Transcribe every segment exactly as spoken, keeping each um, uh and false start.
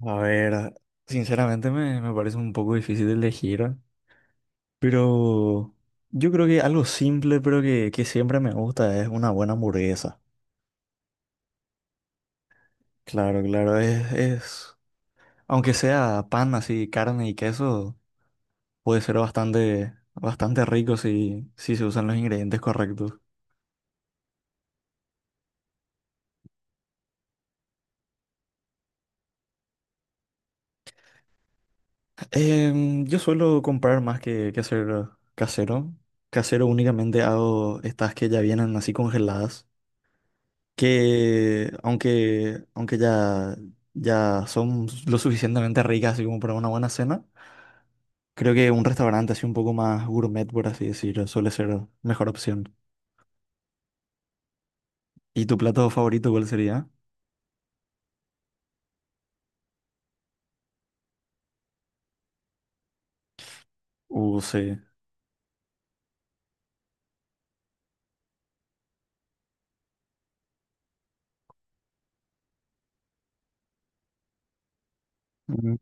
A ver, sinceramente me, me parece un poco difícil de elegir, pero yo creo que algo simple, pero que, que siempre me gusta, es una buena hamburguesa. Claro, claro, es, es, aunque sea pan así, carne y queso, puede ser bastante, bastante rico si, si se usan los ingredientes correctos. Em, yo suelo comprar más que, que hacer casero. Casero únicamente hago estas que ya vienen así congeladas. Que aunque, aunque ya, ya son lo suficientemente ricas así como para una buena cena, creo que un restaurante así un poco más gourmet, por así decirlo, suele ser mejor opción. ¿Y tu plato favorito cuál sería? Uh, sí. Mm.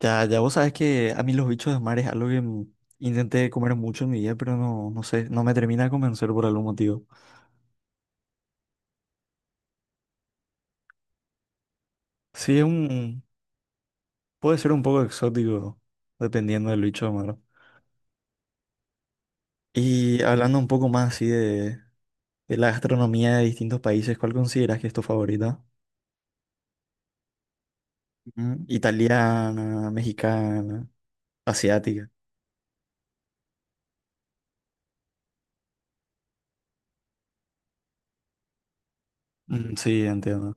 Ya, ya vos sabes que a mí los bichos de mar es algo que m- intenté comer mucho en mi vida, pero no, no sé, no me termina de convencer por algún motivo. Sí, es un, Puede ser un poco exótico, dependiendo del bicho de mar. Y hablando un poco más así de De la gastronomía de distintos países, ¿cuál consideras que es tu favorita? Ujú. Italiana, mexicana, asiática. Mm, sí, entiendo.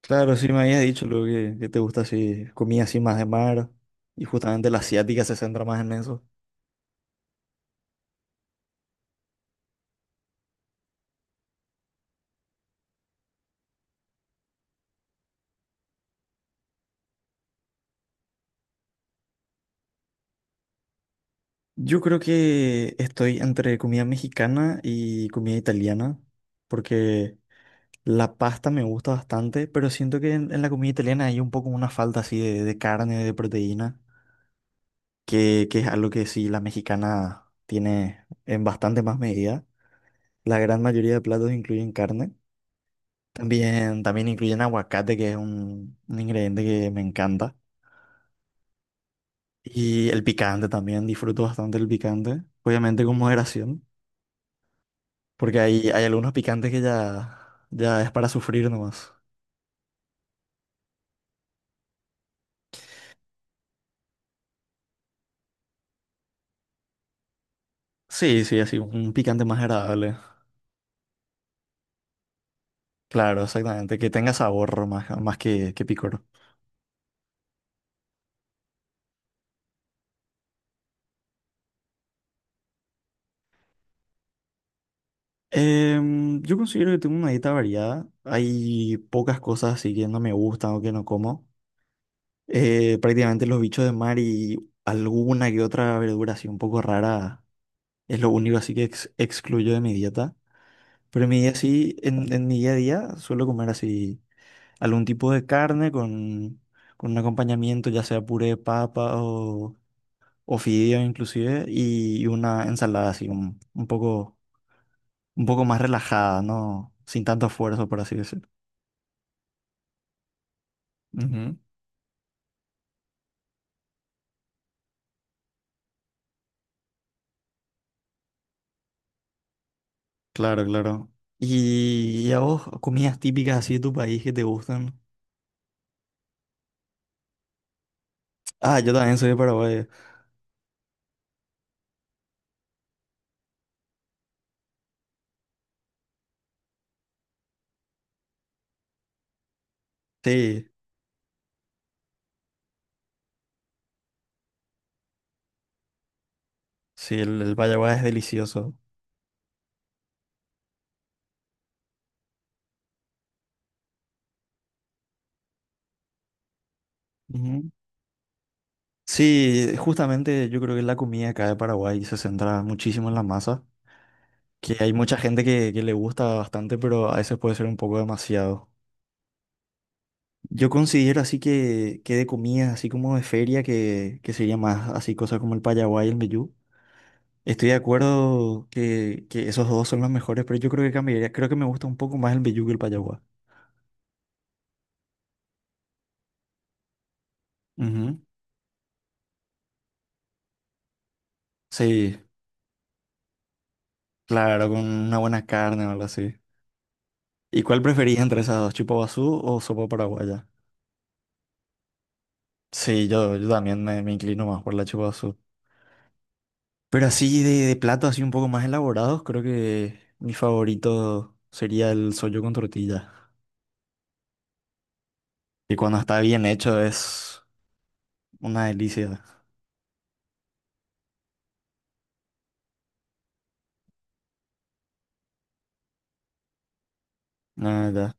Claro, sí me habías dicho luego que, que te gusta así, comida así más de mar, y justamente la asiática se centra más en eso. Yo creo que estoy entre comida mexicana y comida italiana, porque la pasta me gusta bastante, pero siento que en, en la comida italiana hay un poco una falta así de, de carne, de proteína. que, que es algo que sí la mexicana tiene en bastante más medida. La gran mayoría de platos incluyen carne. También, también incluyen aguacate, que es un, un ingrediente que me encanta. Y el picante también, disfruto bastante el picante. Obviamente con moderación, porque hay, hay algunos picantes que ya, ya es para sufrir nomás. Sí, sí, así, un picante más agradable. Claro, exactamente, que tenga sabor más, más que, que picor. Em, yo considero que tengo una dieta variada. Hay pocas cosas así que no me gustan o que no como. Eh, prácticamente los bichos de mar y alguna que otra verdura así un poco rara es lo único así que ex- excluyo de mi dieta. Pero en mi día sí, en, en mi día a día suelo comer así algún tipo de carne con, con un acompañamiento, ya sea puré de papa o, o fideo inclusive, y una ensalada así un, un poco, un poco más relajada, ¿no? Sin tanto esfuerzo, por así decirlo. Ujú. Claro, claro. ¿Y, y a vos comidas típicas así de tu país que te gustan? Ah, yo también soy de Paraguay. Sí, sí, el, el payaguá es delicioso. Ujú. Sí, justamente yo creo que la comida acá de Paraguay se centra muchísimo en la masa, que hay mucha gente que, que le gusta bastante, pero a veces puede ser un poco demasiado. Yo considero así que, que de comidas, así como de feria, que, que sería más así cosas como el payaguá y el mbejú. Estoy de acuerdo que, que esos dos son los mejores, pero yo creo que cambiaría. Creo que me gusta un poco más el mbejú que el payaguá. Ujú. Sí, claro, con una buena carne o algo así. ¿Y cuál preferís entre esas dos, chupa guazú o sopa paraguaya? Sí, yo, yo también me, me inclino más por la chupa guazú. Pero así de, de platos así un poco más elaborados, creo que mi favorito sería el sollo con tortilla. Y cuando está bien hecho es una delicia. La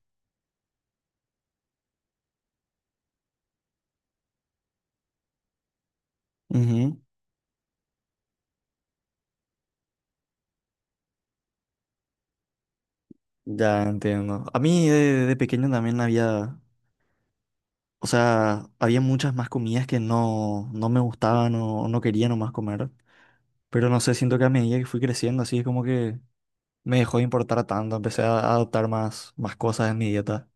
verdad. Ya entiendo. A mí de, de pequeño también había, o sea, había muchas más comidas que no, no me gustaban o, o no quería nomás comer. Pero no sé, siento que a medida que fui creciendo, así es como que me dejó de importar tanto. Empecé a adoptar más, más cosas en mi dieta.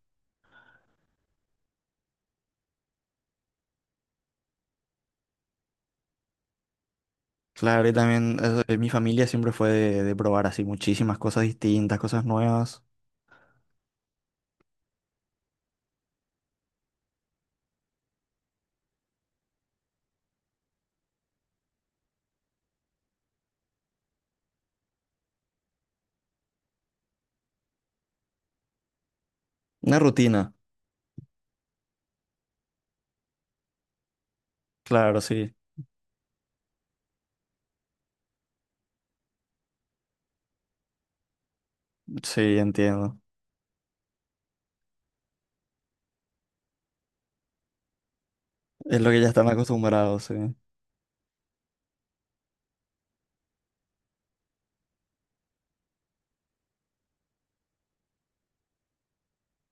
Claro, y también eh, mi familia siempre fue de, de probar así muchísimas cosas distintas, cosas nuevas. Una rutina. Claro, sí, sí, entiendo. Es lo que ya están acostumbrados, sí.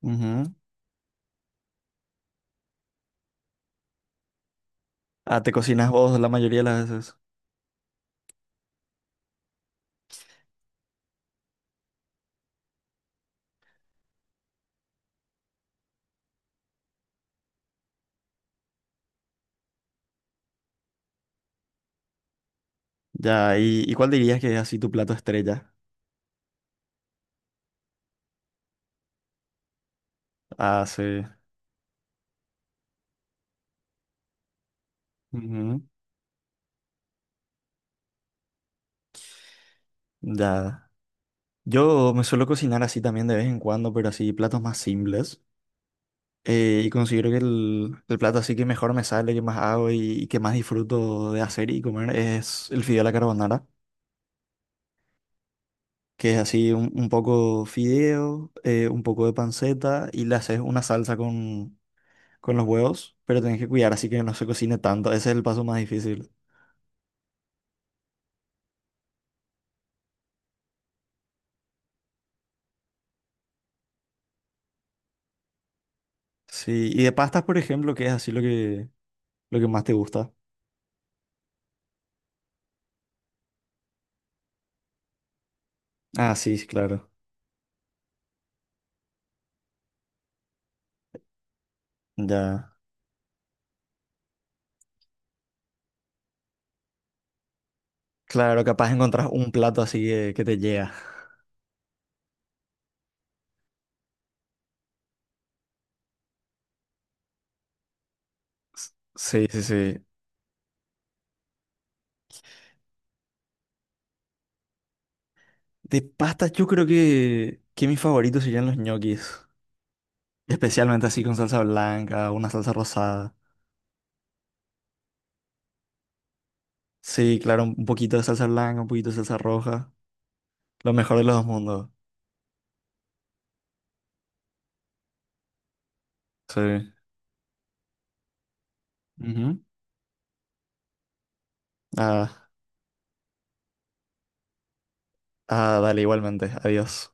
Ujú. Ah, ¿te cocinas vos la mayoría de las veces? Ya, ¿y, y cuál dirías que es así tu plato estrella? Ah, sí. Ujú. Ya. Yo me suelo cocinar así también de vez en cuando, pero así platos más simples. Eh, y considero que el, el plato así que mejor me sale, que más hago y, y que más disfruto de hacer y comer es el fideo a la carbonara, que es así un, un poco fideo, eh, un poco de panceta y le haces una salsa con, con los huevos, pero tenés que cuidar así que no se cocine tanto. Ese es el paso más difícil. Sí, y de pastas, por ejemplo, que es así lo que lo que más te gusta. Ah, sí, sí, claro. Ya. Claro, capaz encontrás un plato así que, que te llega. S- Sí, sí, sí. De pastas yo creo que, que mis favoritos serían los ñoquis. Especialmente así con salsa blanca, una salsa rosada. Sí, claro, un un poquito de salsa blanca, un poquito de salsa roja. Lo mejor de los dos mundos. Sí. Ujú. Ah, ah, dale, igualmente. Adiós.